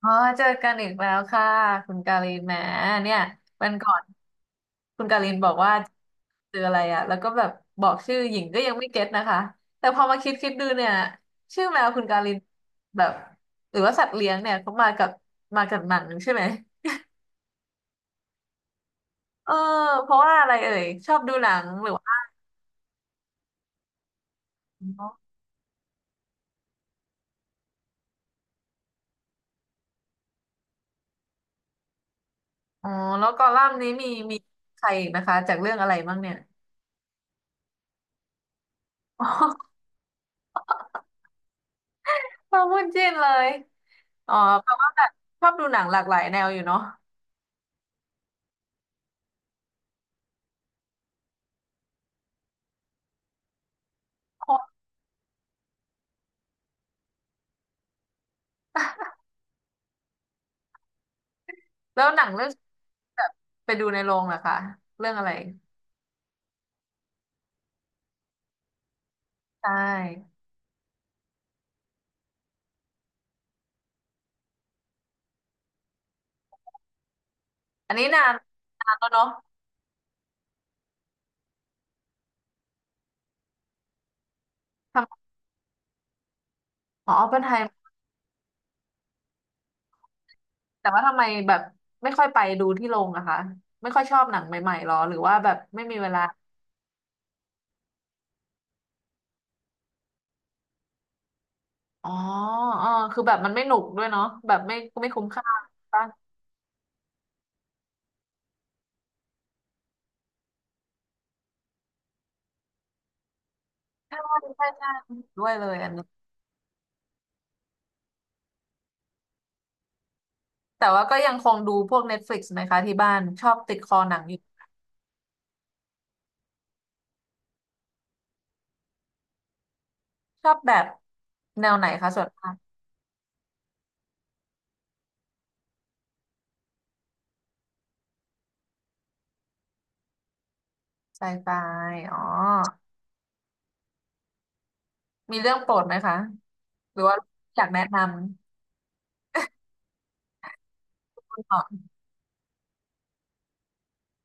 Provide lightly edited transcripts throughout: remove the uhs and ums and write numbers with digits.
อ๋อเจอกันอีกแล้วค่ะคุณกาลินแหมเนี่ยวันก่อนคุณกาลินบอกว่าเจออะไรอะแล้วก็แบบบอกชื่อหญิงก็ยังไม่เก็ตนะคะแต่พอมาคิดดูเนี่ยชื่อแมวคุณกาลินแบบหรือว่าสัตว์เลี้ยงเนี่ยเขามากับหนังใช่ไหมเออเพราะว่าอะไรเอ่ยชอบดูหนังหรือว่าอ๋อแล้วกอลัมน์นี้มีใครอีกนะคะจากเรื่องอะไรบ้างเนี่ย อ๋อชอบพูดจินเลยอ๋อแปลว่าแบบชอบดูหนังหลากหลายแนวอยู่เนาะ แล้วหนังเรื่องแบบไปดูในโรงเหรอคะเรื่องอะไรใช่อันนี้นานนานแล้วเนาะทำอ๋ออปเพนไฮแต่ว่าทำไมแบบไม่ค่อยไปดูที่โรงอะคะไม่ค่อยชอบหนังใหม่ๆหรอหรือว่าแบบไม่มีเวลาอ๋ออ๋อคือแบบมันไม่หนุกด้วยเนาะแบบไม่ไม่คุ้มค่าป่ะใช่ใช่ใช่ด้วยเลยอันนี้แต่ว่าก็ยังคงดูพวกเน็ต e ลิก i ์ไหมคะที่บ้านชอบติดคอหนังอยู่ชอบแบบแนวไหนคะส่วนมากไซไฟอ๋อมีเรื่องโปรดไหมคะ หรือว่าอยากแนะนำก่หน่อย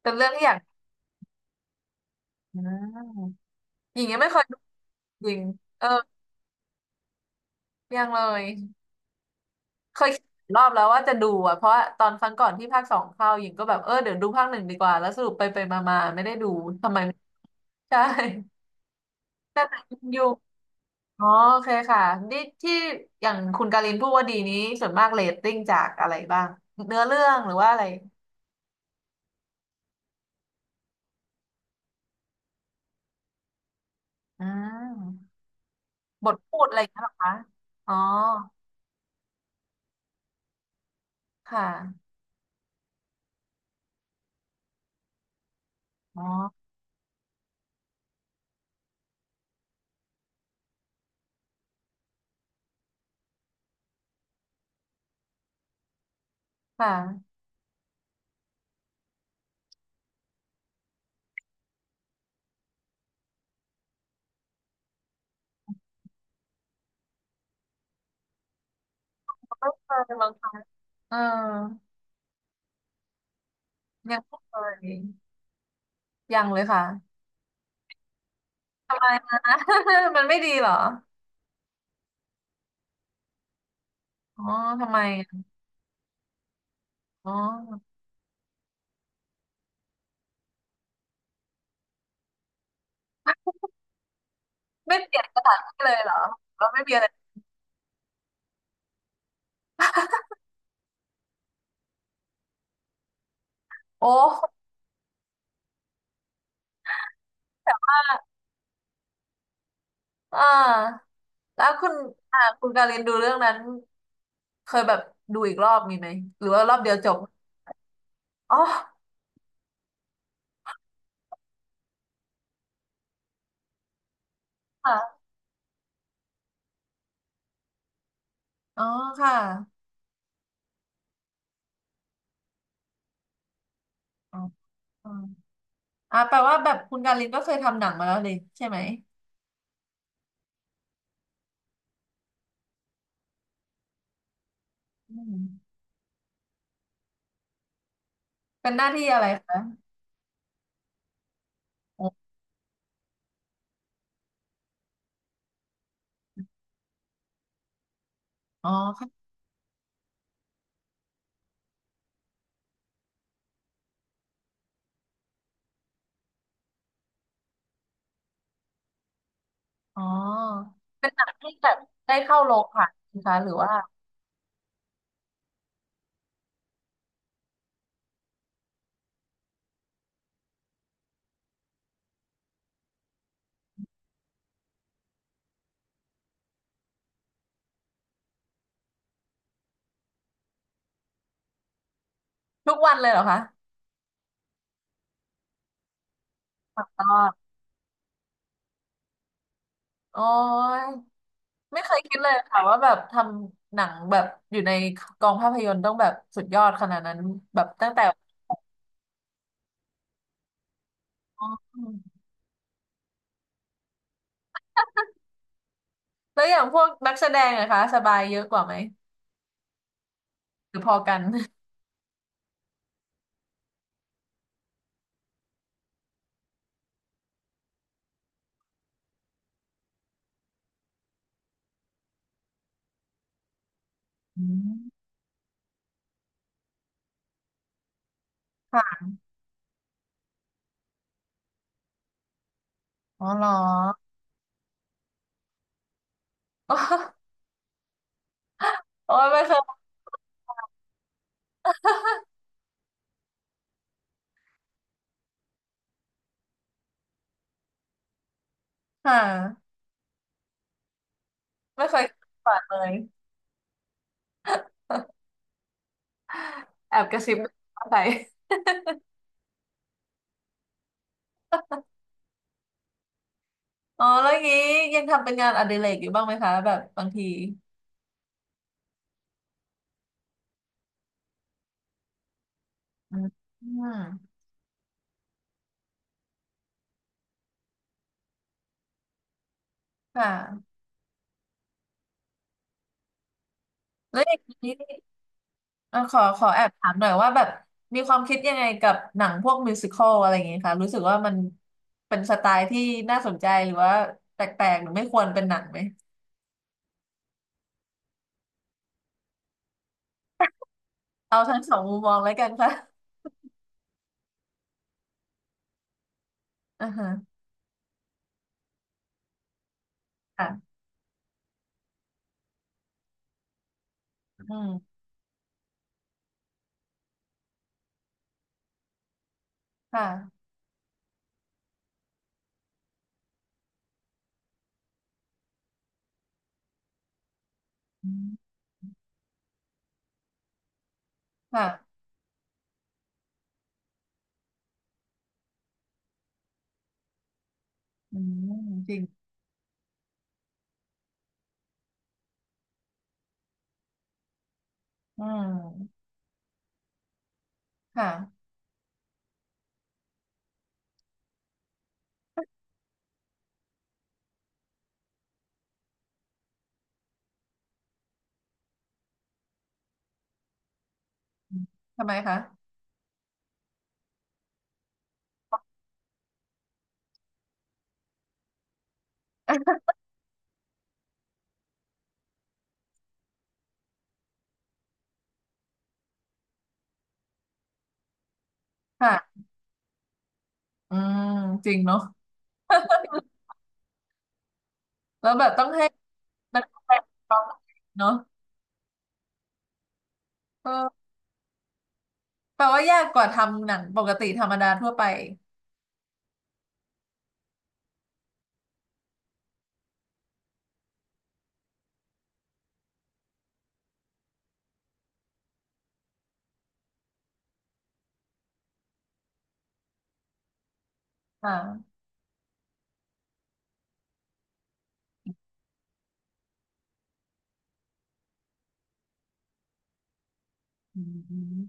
เป็นเรื่องที่อยากอืมหญิงยังไม่เคยดูจริงเออยังเลยเคยคิดรอบแล้วว่าจะดูอ่ะเพราะว่าตอนครั้งก่อนที่ภาคสองเข้าหญิงก็แบบเออเดี๋ยวดูภาคหนึ่งดีกว่าแล้วสรุปไปไปมามาไม่ได้ดูทำไมไม่ ใช่แต่หนังยังอยู่อ๋อโอเคค่ะนี่ที่อย่างคุณการินพูดว่าดีนี้ส่วนมากเรตติ้งจากอะไรบ้างเนื้อเรื่องหรือว่าอะไรอืมบทพูดอะไรอย่างเงี้ยเหรอคะอ๋อค่ะอ๋อค่ะ ไม่เคยลองทำเออยังไม่เคยยังเลยค่ะทำไมนะ มันไม่ดีเหรออ๋อทำไมอะอ๋อไม่เปลี่ยนสถานที่เลยเหรอแล้วไม่มีอะไรโอ้อ่าแล้วคุณอ่าคุณการินดูเรื่องนั้นเคยแบบดูอีกรอบมีไหมหรือว่ารอบเดียวจบอ๋อค่ะอ๋อค่ะอ๋ออ๋ออ่าแปลว่าแบบคุณการินก็เคยทำหนังมาแล้วเลยใช่ไหมอืมเป็นหน้าที่อะไรคะอ๋อ อ๋อเป็นหนังที่แบบได้เข้าโรงผ่านไหมคะหรือว่าทุกวันเลยเหรอคะตลอดโอ้ยไม่เคยคิดเลยค่ะว่าแบบทำหนังแบบอยู่ในกองภาพยนตร์ต้องแบบสุดยอดขนาดนั้นแบบตั้งแต่อ๋อแล้วอย่างพวกนักแสดงนะคะสบายเยอะกว่าไหมหรือพอกันอืมค่ะอ๋อเหรออ๋อ โอ้ยไม่เคยค่ะไม่เคย ฝันเลย แอบกระซิบ ว่าไป อ๋อแล้วอย่างนี้ยังทำเป็นงานอดิเรกอยู่บ้างไหมคะแบบบางทีอืมอืมค่ะแล้วอย่างนี้ขอขอแอบถามหน่อยว่าแบบมีความคิดยังไงกับหนังพวกมิวสิคอลอะไรอย่างเงี้ยคะรู้สึกว่ามันเป็นสไตล์ที่น่าสนใจหรือว่าแปลกๆหรือไม่ควรเป็นหนังไหมเอาทั้งสองมุมมองแล้วกันค่ะอ่าฮะค่ะอืมค่ะอืมค่ะอืมจริงอืมค่ะอืมทำไมคะค่ะอืมจริงเนาะ แล้วแบบต้องให้มันเป็นเนาะก็แปลว่ายากกว่าทำหนังปกติธรรมดาทั่วไปอ่าอืม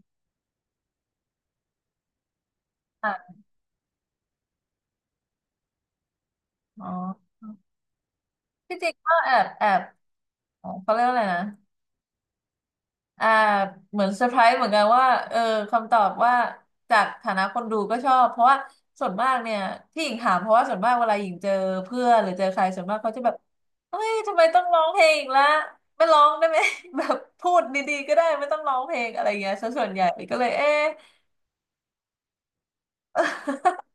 อ่ะอ๋อที่จริงก็แอบแอบอ๋อเขาเรียกว่าอะไรนะ อ่าเหมือนเซอร์ไพรส์เหมือนกันว่าเออคำตอบว่าจากฐานะคนดูก็ชอบเพราะว่าส่วนมากเนี่ยที่หญิงถามเพราะว่าส่วนมากเวลาหญิงเจอเพื่อนหรือเจอใครส่วนมากเขาจะแบบเฮ้ยทำไมต้องร้องเพลงอีกละไม่ร้องได้ไหม แบบพูดดีๆก็ได้ไม่ต้องร้องเพลงอะไรเงี้ยซะส่วนใหญ่ก็เลยเอ๊ะ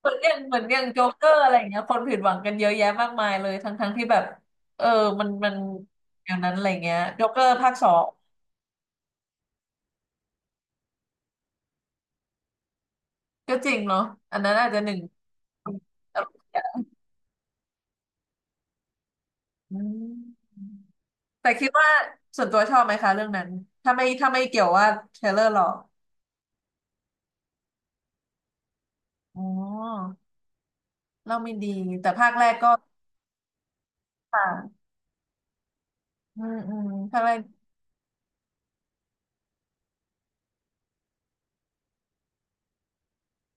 เหมือนอย่างเหมือนอย่างโจ๊กเกอร์อะไรเงี้ยคนผิดหวังกันเยอะแยะมากมายเลยทั้งทั้งที่แบบเออมันมันอย่างนั้นอะไรเงี้ยโจ๊กเกอร์ภาคสองก็จริงเนาะอันนั้นอาจจะหนึ่ง ตลกดีอะอืมแต่คิดว่าส่วนตัวชอบไหมคะเรื่องนั้นถ้าไม่ถ้าไม่เกี่ยวว่าเทรลเลอร์หรอกอ๋อเล่าไม่ดีแต่ภาคแรกก็ค่ะอืมอืมภาคแรก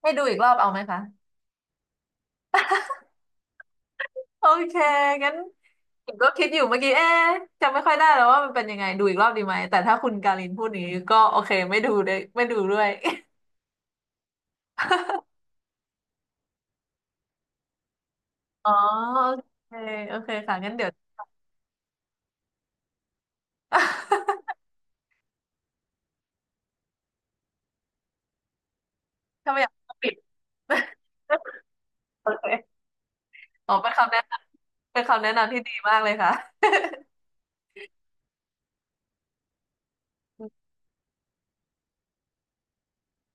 ให้ดูอีกรอบเอาไหมคะโอเคงั้นผมก็คิดอยู่เมื่อกี้เอ๊ะจำไม่ค่อยได้แล้วว่ามันเป็นยังไงดูอีกรอบดีไหมแต่ถ้าคุณการินพูดอย่างนี้ก็โอเคไม่ดูเลยไม่ดูด้วย อ๋อ โอเคโอเคค่ะงั้นเดี๋ยว ถ้าไม่อยากปิด โอเค อ๋อเป็นคำแนะนำเป็นคำแนะนำที่ดีมากเลยค่ะ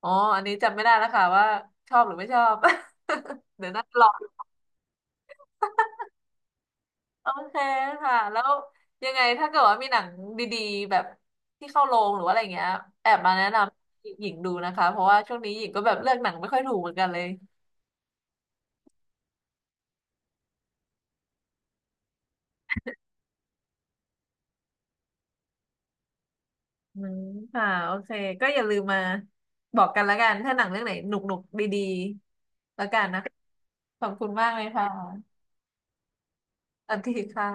อ๋ออันนี้จำไม่ได้แล้วค่ะว่าชอบหรือไม่ชอบ เดี๋ยวน่าจลอโอเคค่ะแล้วยังไงถ้าเกิดว่ามีหนังดีๆแบบที่เข้าโรงหรือว่าอะไรเงี้ยแอบมาแนะนำหญิงดูนะคะเพราะว่าช่วงนี้หญิงก็แบบเลือกหนังไม่ค่อยถูกเหมือนกันเลยอืมค่ะโอเคก็อย่าลืมมาบอกกันแล้วกันถ้าหนังเรื่องไหนหนุกๆดีๆแล้วกันนะคะขอบคุณมากเลยค่ะสวัสดีค่ะ